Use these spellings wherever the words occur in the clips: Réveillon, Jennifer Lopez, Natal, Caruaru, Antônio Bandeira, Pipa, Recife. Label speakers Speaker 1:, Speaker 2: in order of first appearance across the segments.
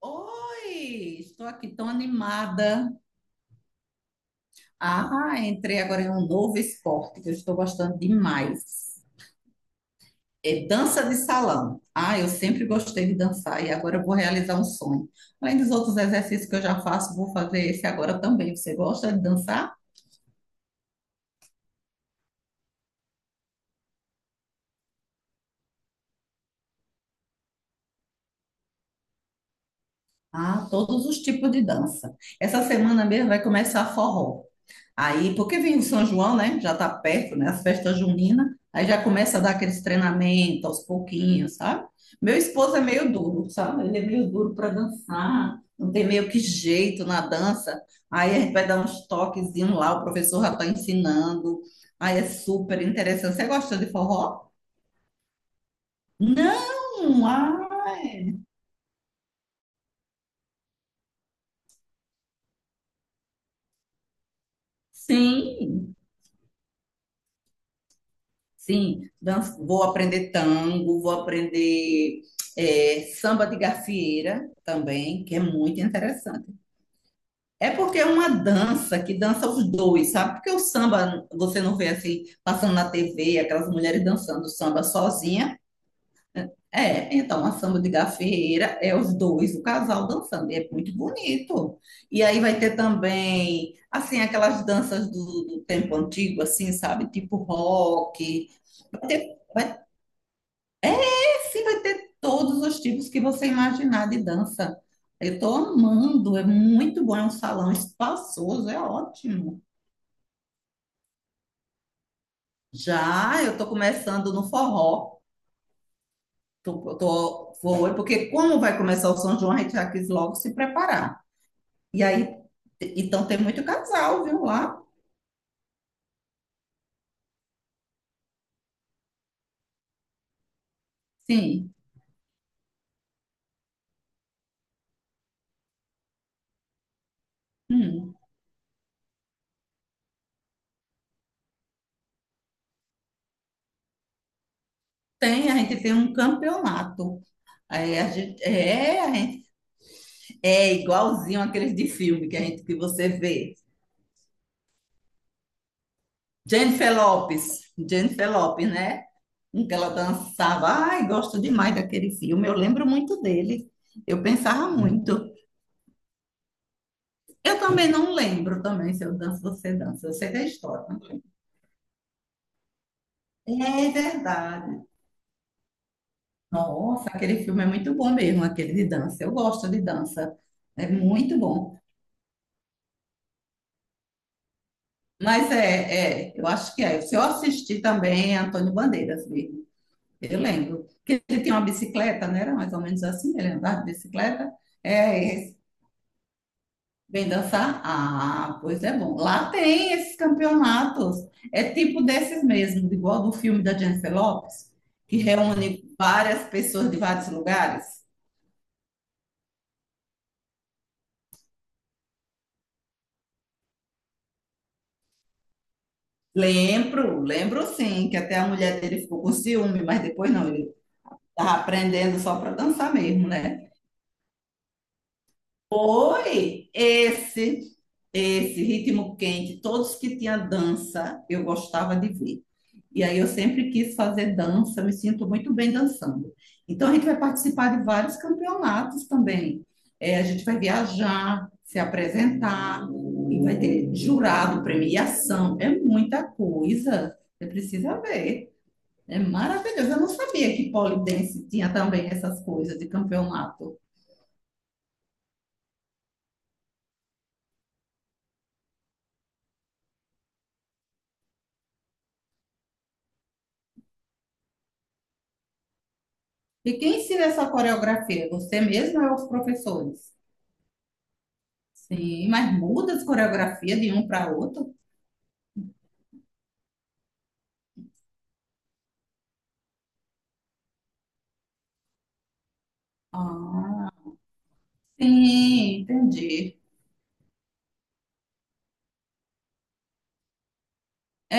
Speaker 1: Oi, estou aqui tão animada. Ah, entrei agora em um novo esporte que eu estou gostando demais. É dança de salão. Ah, eu sempre gostei de dançar e agora eu vou realizar um sonho. Além dos outros exercícios que eu já faço, vou fazer esse agora também. Você gosta de dançar? Ah, todos os tipos de dança. Essa semana mesmo vai começar forró. Aí, porque vem o São João, né? Já tá perto, né? As festas juninas. Aí já começa a dar aqueles treinamentos aos pouquinhos, sabe? Meu esposo é meio duro, sabe? Ele é meio duro para dançar, não tem meio que jeito na dança. Aí a gente vai dar uns toquezinhos lá, o professor já tá ensinando. Aí é super interessante. Você gosta de forró? Não! Ah, sim! Sim, vou aprender tango, vou aprender é, samba de gafieira também, que é muito interessante. É porque é uma dança que dança os dois, sabe? Porque o samba você não vê assim, passando na TV, aquelas mulheres dançando samba sozinha. É, então a samba de gafieira é os dois, o casal dançando, e é muito bonito. E aí vai ter também, assim, aquelas danças do tempo antigo, assim, sabe? Tipo rock. Vai ter Sim, vai ter todos os tipos que você imaginar de dança. Eu tô amando, é muito bom, é um salão espaçoso, é ótimo. Já eu tô começando no forró, tô, vou, porque como vai começar o São João, a gente já quis logo se preparar. E aí, então tem muito casal, viu, lá? Sim. Hum. Tem, a gente tem um campeonato. É, a gente, é igualzinho aqueles de filme que a gente que você vê. Jennifer Lopes, Jennifer Lopes, né? Em que ela dançava. Ai, gosto demais daquele filme. Eu lembro muito dele. Eu pensava muito. Eu também não lembro também se eu danço, você dança. Eu sei da história. É verdade. Nossa, aquele filme é muito bom mesmo, aquele de dança. Eu gosto de dança. É muito bom. Mas eu acho que é. Se eu assisti também Antônio Bandeiras mesmo. Eu lembro. Que ele tinha uma bicicleta, né? Era mais ou menos assim, ele andava de bicicleta. É, vem dançar? Ah, pois é bom. Lá tem esses campeonatos. É tipo desses mesmo, igual do filme da Jennifer Lopez, que reúne várias pessoas de vários lugares. Lembro sim, que até a mulher dele ficou com ciúme, mas depois não, ele estava aprendendo só para dançar mesmo, né? Foi esse ritmo quente, todos que tinha dança, eu gostava de ver. E aí eu sempre quis fazer dança, me sinto muito bem dançando. Então a gente vai participar de vários campeonatos também. É, a gente vai viajar, se apresentar, e vai ter jurado, premiação, é muita coisa. Você precisa ver. É maravilhoso. Eu não sabia que pole dance tinha também essas coisas de campeonato. E quem ensina essa coreografia? Você mesmo ou os professores? Sim, mas muda as coreografias de um para outro? Ah, sim, entendi.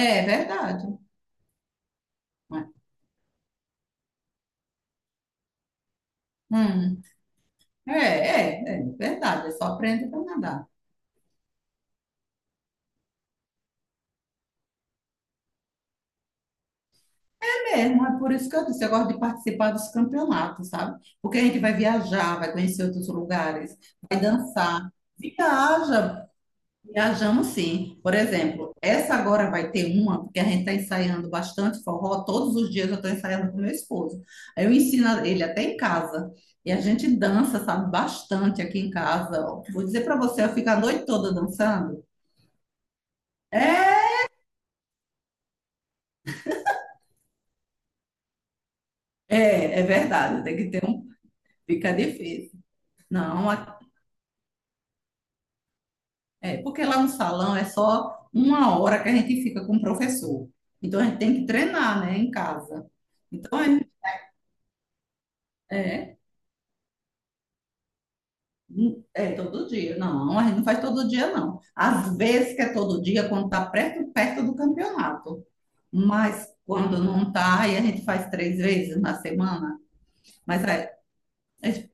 Speaker 1: É verdade. Hum, é, é verdade. Eu só aprendo para nadar. É mesmo, é por isso que eu disse, eu gosto de participar dos campeonatos, sabe? Porque a gente vai viajar, vai conhecer outros lugares, vai dançar. Viaja, Viajamos sim. Por exemplo, essa agora vai ter uma, porque a gente está ensaiando bastante forró, todos os dias eu estou ensaiando com meu esposo. Aí eu ensino ele até em casa. E a gente dança, sabe, bastante aqui em casa. Ó, vou dizer para você, eu fico a noite toda dançando. É, é verdade, tem que ter um. Fica difícil. Não, é, porque lá no salão é só uma hora que a gente fica com o professor. Então a gente tem que treinar, né, em casa. Então, é, É todo dia. Não, a gente não faz todo dia, não. Às vezes que é todo dia, quando tá perto, perto do campeonato. Mas quando não tá, aí a gente faz três vezes na semana. Mas aí,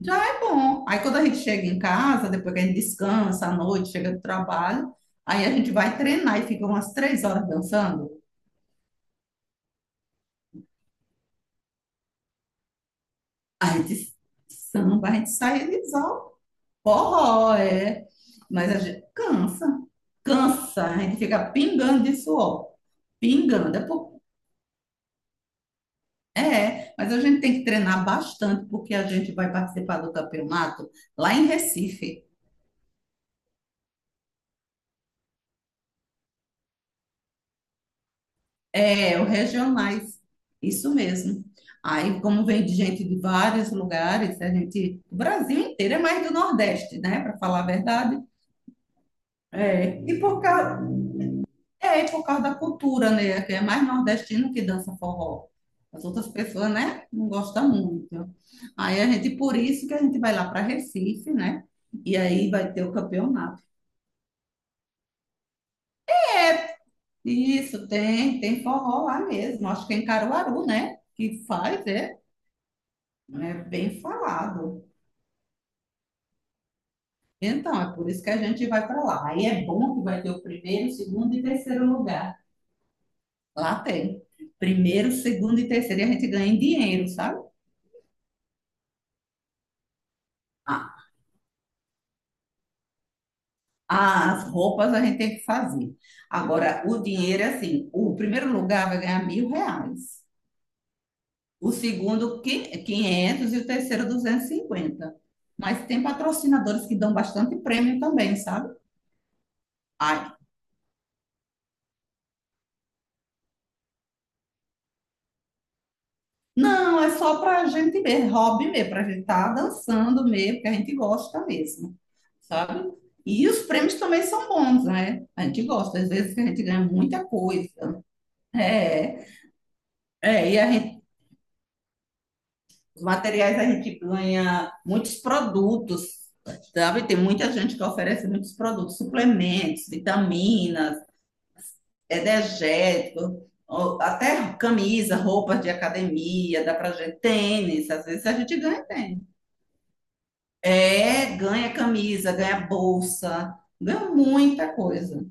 Speaker 1: já é bom. Aí quando a gente chega em casa, depois que a gente descansa à noite, chega do trabalho, aí a gente vai treinar e fica umas 3 horas dançando. A gente samba, a gente sai. Forró, é. Mas a gente cansa. Cansa. A gente fica pingando de suor. Pingando. É, mas a gente tem que treinar bastante, porque a gente vai participar do campeonato lá em Recife. É, o regionais. Isso mesmo. Aí, como vem de gente de vários lugares, a gente, o Brasil inteiro é mais do Nordeste, né? Para falar a verdade. É. É, e por causa da cultura, né? Que é mais nordestino que dança forró. As outras pessoas, né? Não gostam muito. Aí a gente, por isso que a gente vai lá para Recife, né? E aí vai ter o campeonato. Isso, tem, tem forró lá mesmo. Acho que é em Caruaru, né? Que faz, é bem falado. Então, é por isso que a gente vai para lá. Aí é bom que vai ter o primeiro, segundo e terceiro lugar. Lá tem. Primeiro, segundo e terceiro. E a gente ganha em dinheiro, sabe? As roupas a gente tem que fazer. Agora, o dinheiro é assim: o primeiro lugar vai ganhar R$ 1.000, o segundo, 500, e o terceiro, 250. Mas tem patrocinadores que dão bastante prêmio também, sabe? Ai, não, é só para a gente mesmo, hobby mesmo, para a gente estar dançando mesmo, porque a gente gosta mesmo, sabe? E os prêmios também são bons, né? A gente gosta, às vezes a gente ganha muita coisa. É, e a gente, os materiais a gente ganha muitos produtos, sabe? Tem muita gente que oferece muitos produtos, suplementos, vitaminas, energético, até camisa, roupas de academia, dá pra gente tênis, às vezes a gente ganha tênis. É, ganha camisa, ganha bolsa, ganha muita coisa.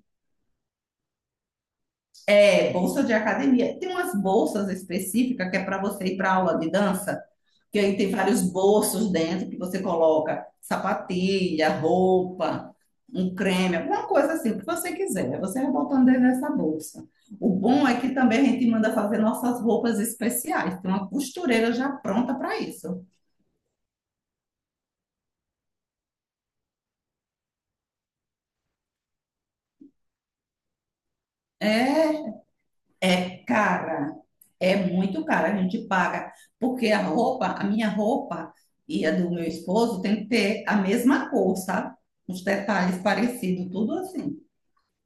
Speaker 1: É, bolsa de academia. Tem umas bolsas específicas que é para você ir para aula de dança, que aí tem vários bolsos dentro que você coloca sapatilha, roupa, um creme, alguma coisa assim, o que você quiser. Você vai botando dentro dessa bolsa. O bom é que também a gente manda fazer nossas roupas especiais. Tem uma costureira já pronta para isso. É, é cara. É muito cara. A gente paga porque a roupa, a minha roupa e a do meu esposo tem que ter a mesma cor, sabe? Os detalhes parecidos, tudo assim.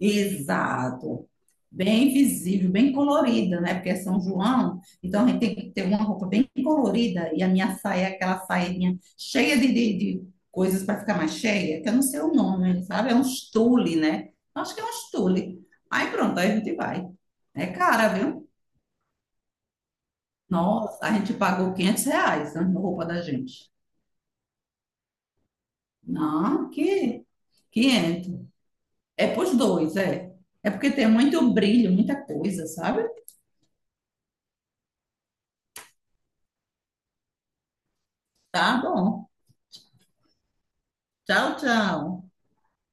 Speaker 1: Exato. Bem visível, bem colorida, né? Porque é São João, então a gente tem que ter uma roupa bem colorida. E a minha saia é aquela sainha cheia de coisas para ficar mais cheia, que eu não sei o nome, sabe? É um tule, né? Acho que é um tule. Aí pronto, aí a gente vai. É cara, viu? Nossa, a gente pagou R$ 500, né, na roupa da gente. Não, que 500. É pros dois, é. É porque tem muito brilho, muita coisa, sabe? Tá bom. Tchau, tchau.